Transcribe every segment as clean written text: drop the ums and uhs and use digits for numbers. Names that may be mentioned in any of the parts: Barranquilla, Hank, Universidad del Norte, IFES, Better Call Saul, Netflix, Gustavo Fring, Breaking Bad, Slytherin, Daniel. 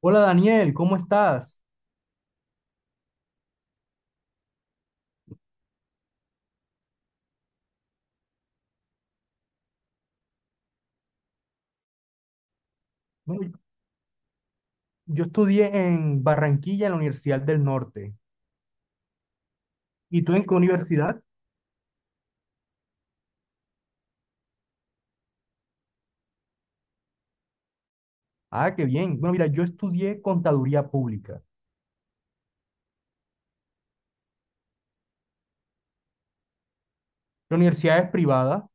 Hola Daniel, ¿cómo estás? Bueno, yo estudié en Barranquilla, en la Universidad del Norte. ¿Y tú en qué universidad? Ah, qué bien. Bueno, mira, yo estudié contaduría pública. ¿La universidad es privada?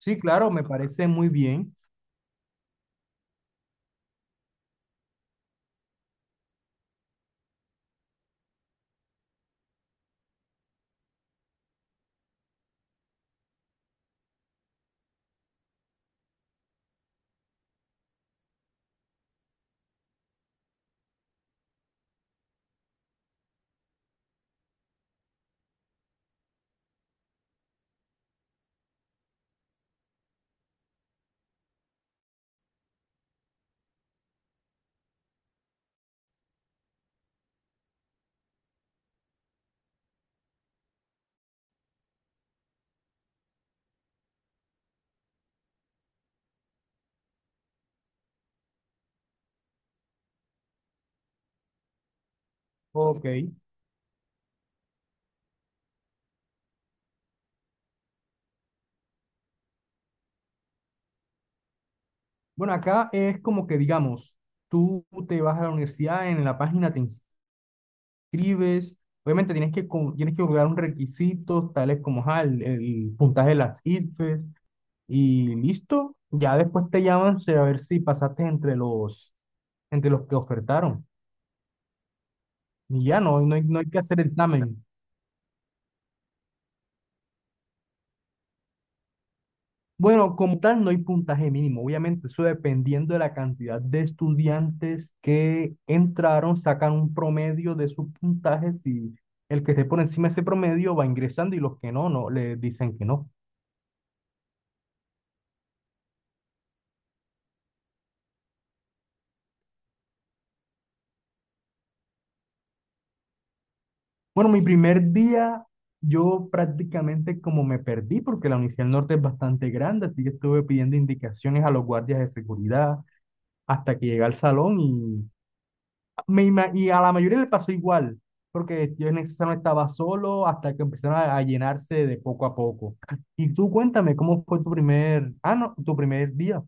Sí, claro, me parece muy bien. Ok. Bueno, acá es como que, digamos, tú te vas a la universidad, en la página te inscribes. Obviamente tienes que cubrir un requisito, tales como ajá, el puntaje de las IFES. Y listo, ya después te llaman a ver si pasaste entre los que ofertaron. Y ya no, no hay que hacer examen. Bueno, como tal, no hay puntaje mínimo. Obviamente, eso dependiendo de la cantidad de estudiantes que entraron, sacan un promedio de sus puntajes y el que esté por encima de ese promedio va ingresando y los que no, no, le dicen que no. Bueno, mi primer día, yo prácticamente como me perdí, porque la Universidad del Norte es bastante grande, así que estuve pidiendo indicaciones a los guardias de seguridad hasta que llegué al salón y a la mayoría le pasó igual, porque yo en ese salón estaba solo hasta que empezaron a llenarse de poco a poco. Y tú cuéntame, ¿cómo fue tu primer, ah, no, tu primer día?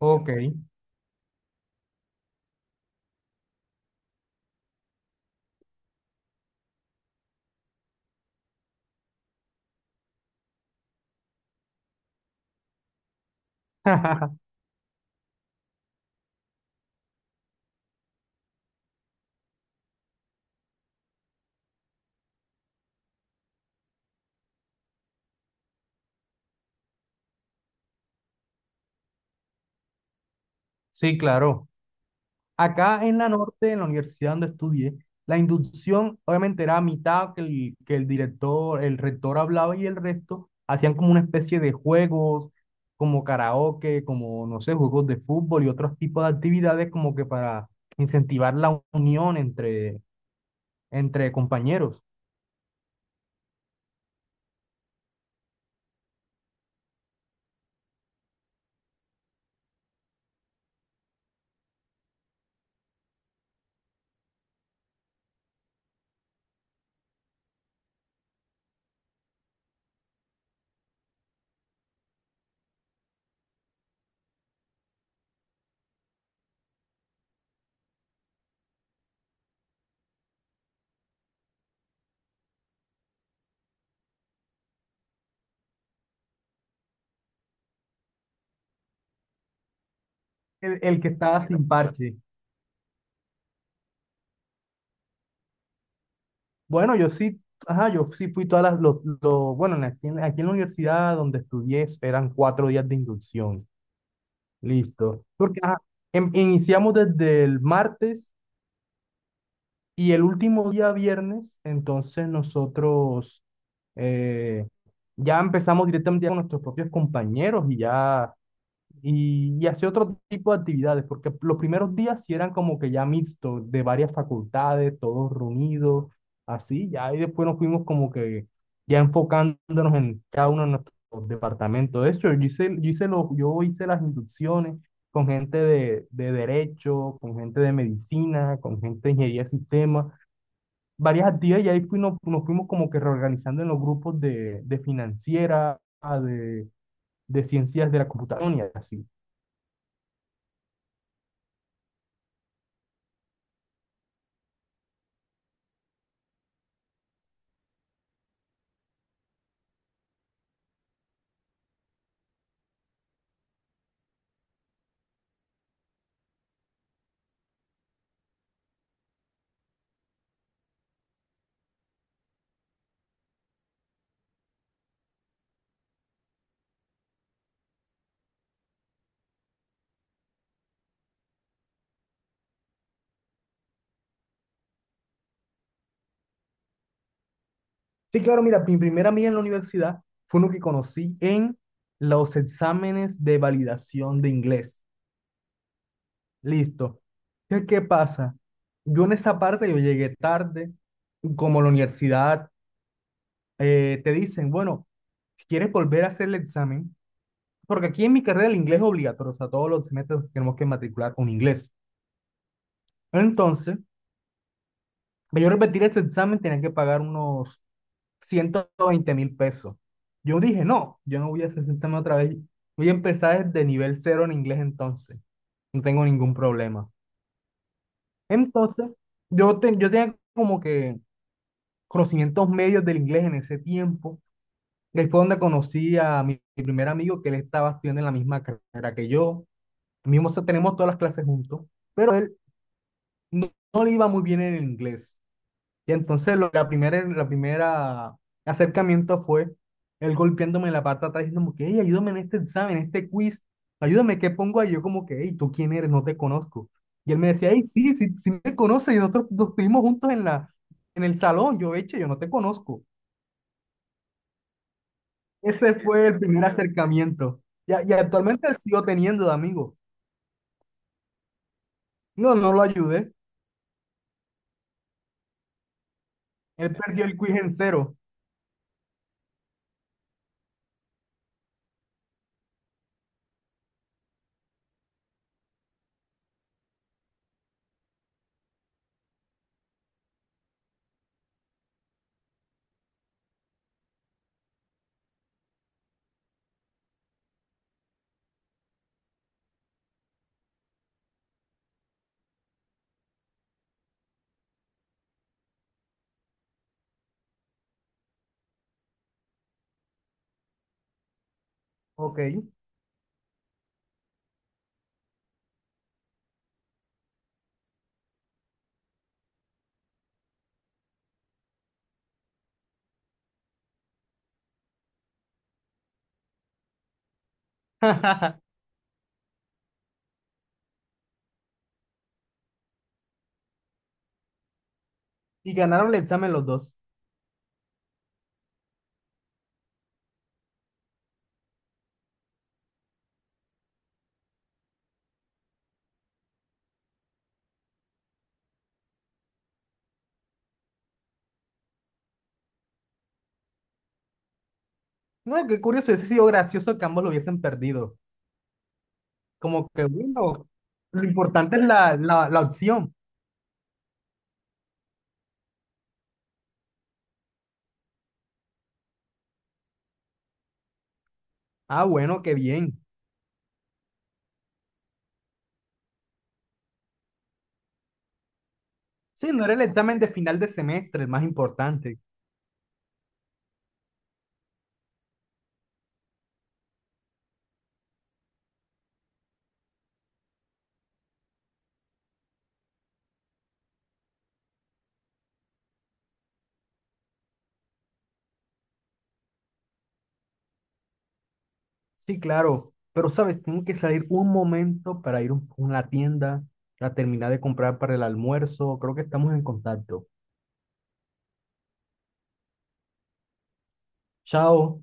Ok. Sí, claro. Acá en la norte, en la universidad donde estudié, la inducción obviamente era a mitad que el director, el rector hablaba y el resto hacían como una especie de juegos, como karaoke, como, no sé, juegos de fútbol y otros tipos de actividades como que para incentivar la unión entre compañeros. El que estaba sin parche. Bueno, yo sí, ajá, yo sí fui todas bueno, en aquí en la universidad donde estudié eran 4 días de inducción. Listo. Porque ajá, iniciamos desde el martes y el último día viernes, entonces nosotros eh, ya empezamos directamente con nuestros propios compañeros y ya y hacía otro tipo de actividades, porque los primeros días sí eran como que ya mixto, de varias facultades, todos reunidos, así, ya, y después nos fuimos como que ya enfocándonos en cada uno de nuestros departamentos. De hecho, yo hice las inducciones con gente de derecho, con gente de medicina, con gente de ingeniería de sistemas, varias actividades, y ahí fuimos nos fuimos como que reorganizando en los grupos de financiera, de, de ciencias de la computación y así. Sí, claro, mira, mi primera amiga en la universidad fue uno que conocí en los exámenes de validación de inglés. Listo. ¿Qué pasa? Yo en esa parte yo llegué tarde, como en la universidad te dicen, bueno, si quieres volver a hacer el examen, porque aquí en mi carrera el inglés es obligatorio, o sea, todos los semestres tenemos que matricular un inglés. Entonces, para yo repetir ese examen tenía que pagar unos 120.000 pesos. Yo dije, no, yo no voy a hacer ese examen otra vez. Voy a empezar desde nivel cero en inglés entonces. No tengo ningún problema. Entonces, yo tenía como que conocimientos medios del inglés en ese tiempo. Y ahí fue donde conocí a mi primer amigo que él estaba estudiando en la misma carrera que yo. Mismo, o sea, tenemos todas las clases juntos, pero él no le iba muy bien en el inglés. Y entonces la primera acercamiento fue él golpeándome la pata atrás diciendo como que, hey, ayúdame en este examen, en este quiz, ayúdame, ¿qué pongo ahí? Yo como que, hey, ¿tú quién eres? No te conozco. Y él me decía, hey, sí, sí, sí me conoces, y nosotros nos estuvimos juntos en el salón, yo no te conozco. Ese fue el primer acercamiento. Y actualmente él sigo teniendo de amigo. No, no lo ayudé. Él perdió el quiz en cero. Ok. Y ganaron el examen los dos. No, qué curioso, hubiese sido gracioso que ambos lo hubiesen perdido. Como que, bueno, lo importante es la opción. Ah, bueno, qué bien. Sí, no era el examen de final de semestre, el más importante. Sí, claro. Pero, ¿sabes? Tengo que salir un momento para ir a una tienda, a terminar de comprar para el almuerzo. Creo que estamos en contacto. Chao.